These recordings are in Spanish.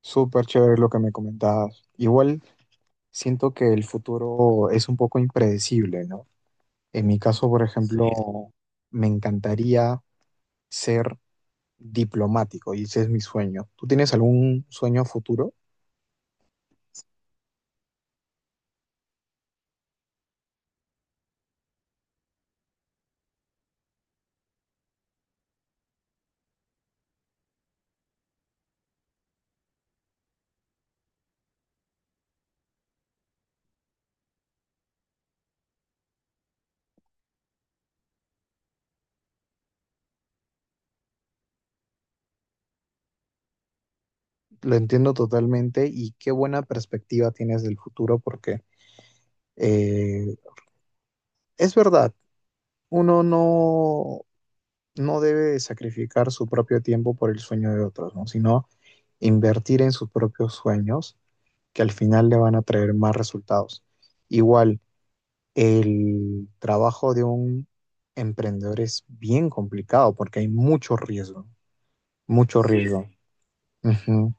Súper chévere lo que me comentabas. Igual siento que el futuro es un poco impredecible, ¿no? En mi caso, por, sí, ejemplo, sí, me encantaría ser diplomático y ese es mi sueño. ¿Tú tienes algún sueño a futuro? Lo entiendo totalmente y qué buena perspectiva tienes del futuro porque eh, es verdad, uno no, no debe sacrificar su propio tiempo por el sueño de otros, ¿no? Sino invertir en sus propios sueños que al final le van a traer más resultados. Igual, el trabajo de un emprendedor es bien complicado porque hay mucho riesgo, mucho, sí, riesgo. Ujú.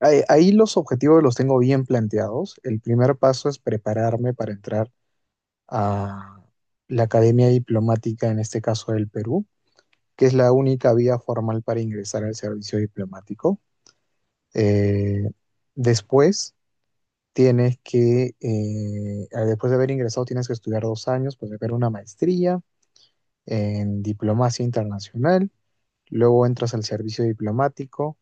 Ahí los objetivos los tengo bien planteados. El primer paso es prepararme para entrar a la Academia Diplomática, en este caso del Perú, que es la única vía formal para ingresar al servicio diplomático. Eh, después Tienes que, después de haber ingresado, tienes que estudiar 2 años, pues hacer una maestría en diplomacia internacional, luego entras al servicio diplomático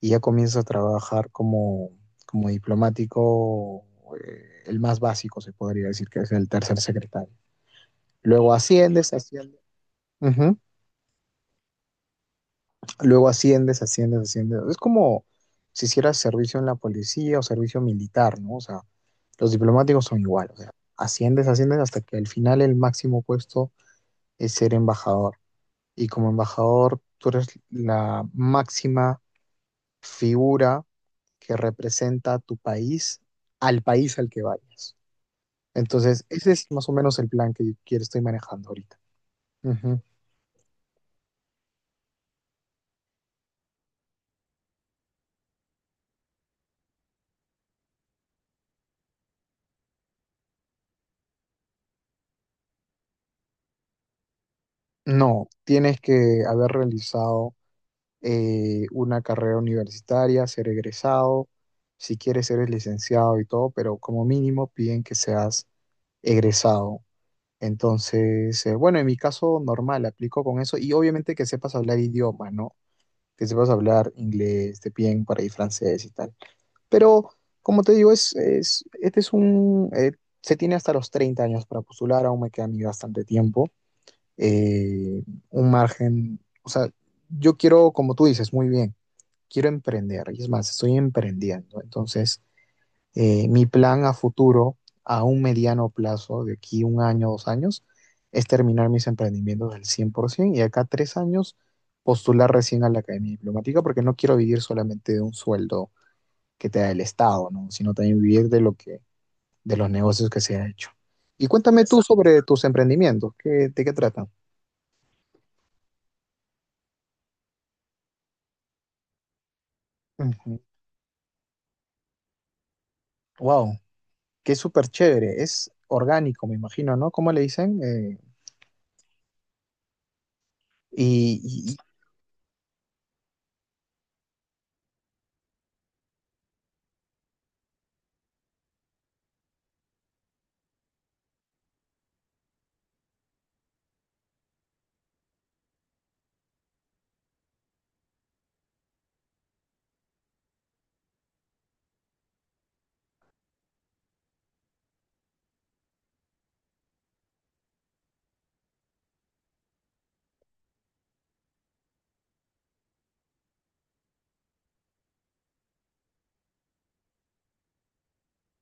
y ya comienzas a trabajar como, como diplomático, el más básico se podría decir que es el tercer secretario. Luego asciendes, asciendes. Luego asciendes, asciendes, asciendes. Es como si hicieras servicio en la policía o servicio militar, ¿no? O sea, los diplomáticos son igual, o sea, asciendes, asciendes hasta que al final el máximo puesto es ser embajador. Y como embajador, tú eres la máxima figura que representa a tu país al que vayas. Entonces, ese es más o menos el plan que, estoy manejando ahorita. Ujú. No, tienes que haber realizado una carrera universitaria, ser egresado, si quieres ser licenciado y todo, pero como mínimo piden que seas egresado. Entonces, bueno, en mi caso normal, aplico con eso y obviamente que sepas hablar idiomas, ¿no? Que sepas hablar inglés, te piden por ahí francés y tal. Pero, como te digo, este es un... se tiene hasta los 30 años para postular, aún me queda a mí bastante tiempo. eh, un margen, o sea, yo quiero, como tú dices, muy bien quiero emprender, y es más, estoy emprendiendo. Entonces, mi plan a futuro, a un mediano plazo, de aquí un año, 2 años, es terminar mis emprendimientos al 100% y acá 3 años postular recién a la Academia Diplomática porque no quiero vivir solamente de un sueldo que te da el Estado, ¿no? Sino también vivir de lo que, de los negocios que se ha hecho. Y cuéntame tú, exacto, sobre tus emprendimientos, ¿qué, de qué tratan? Ujú. Wow, qué súper chévere, es orgánico, me imagino, ¿no? ¿Cómo le dicen? Y, y-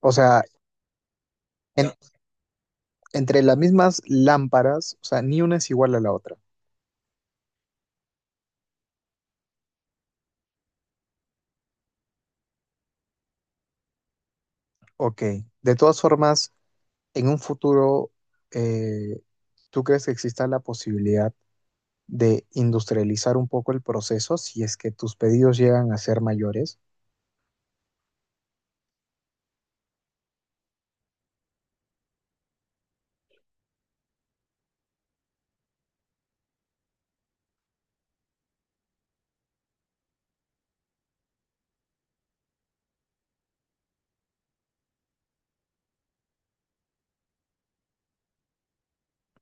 o sea, en- entre las mismas lámparas, o sea, ni una es igual a la otra. Ok, de todas formas, en un futuro, eh, ¿tú crees que exista la posibilidad de industrializar un poco el proceso si es que tus pedidos llegan a ser mayores?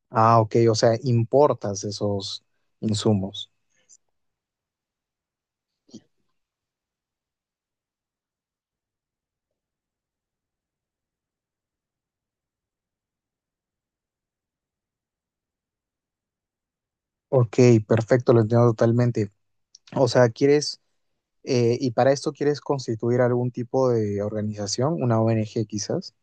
Ah, ok, o sea, importas esos insumos. Ok, perfecto, lo entiendo totalmente. O sea, quieres, y para esto quieres constituir algún tipo de organización, una ONG quizás.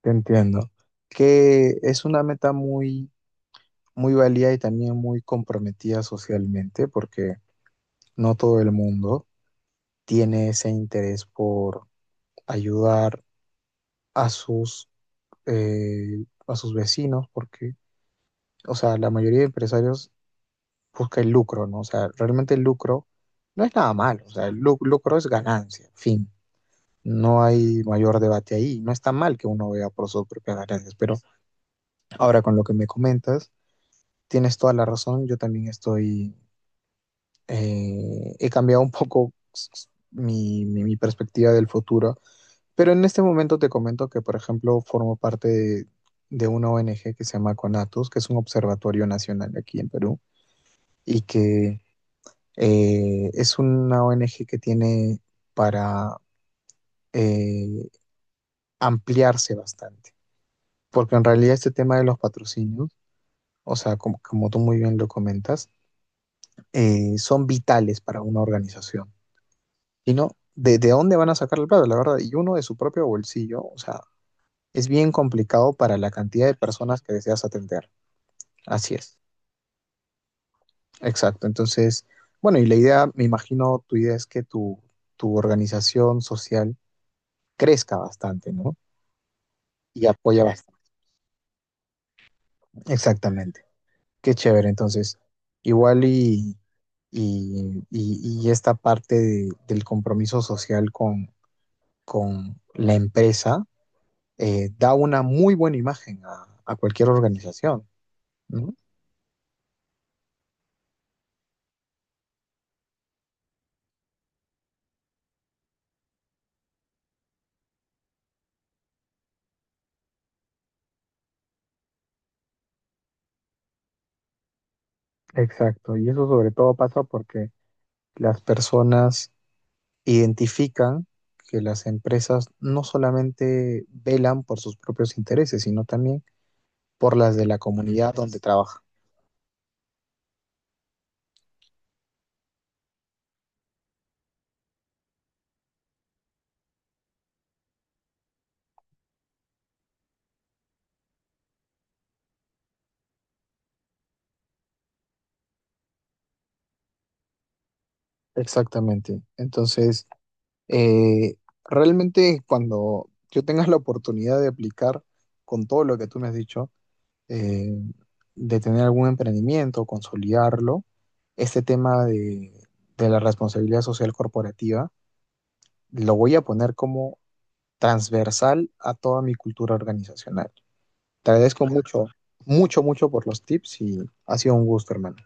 Te entiendo. Que es una meta muy, muy válida y también muy comprometida socialmente, porque no todo el mundo tiene ese interés por ayudar a sus, a sus vecinos, porque, o sea, la mayoría de empresarios busca el lucro, ¿no? O sea, realmente el lucro no es nada malo, o sea, lucro es ganancia, fin. No hay mayor debate ahí. No está mal que uno vea por sus propias ganancias, pero ahora con lo que me comentas. Tienes toda la razón, yo también estoy, he cambiado un poco mi perspectiva del futuro, pero en este momento te comento que, por ejemplo, formo parte de una ONG que se llama CONATUS, que es un observatorio nacional aquí en Perú, y que es una ONG que tiene para eh, ampliarse bastante, porque en realidad este tema de los patrocinios, o sea, como, como tú muy bien lo comentas, son vitales para una organización. Sino de dónde van a sacar el plata, la verdad, y uno de su propio bolsillo, o sea, es bien complicado para la cantidad de personas que deseas atender. Así es, exacto. Entonces, bueno, y la idea, me imagino, tu idea es que tu organización social crezca bastante, ¿no? Y apoya bastante. Exactamente. Qué chévere, entonces, igual y, y esta parte del compromiso social con la empresa da una muy buena imagen a cualquier organización, ¿no? Exacto, y eso sobre todo pasa porque las personas identifican que las empresas no solamente velan por sus propios intereses, sino también por las de la comunidad donde trabajan. Exactamente. Entonces, eh, realmente cuando yo tenga la oportunidad de aplicar con todo lo que tú me has dicho, eh, de tener algún emprendimiento, consolidarlo, este tema de la responsabilidad social corporativa lo voy a poner como transversal a toda mi cultura organizacional. Te agradezco mucho, mucho, mucho por los tips y ha sido un gusto, hermano.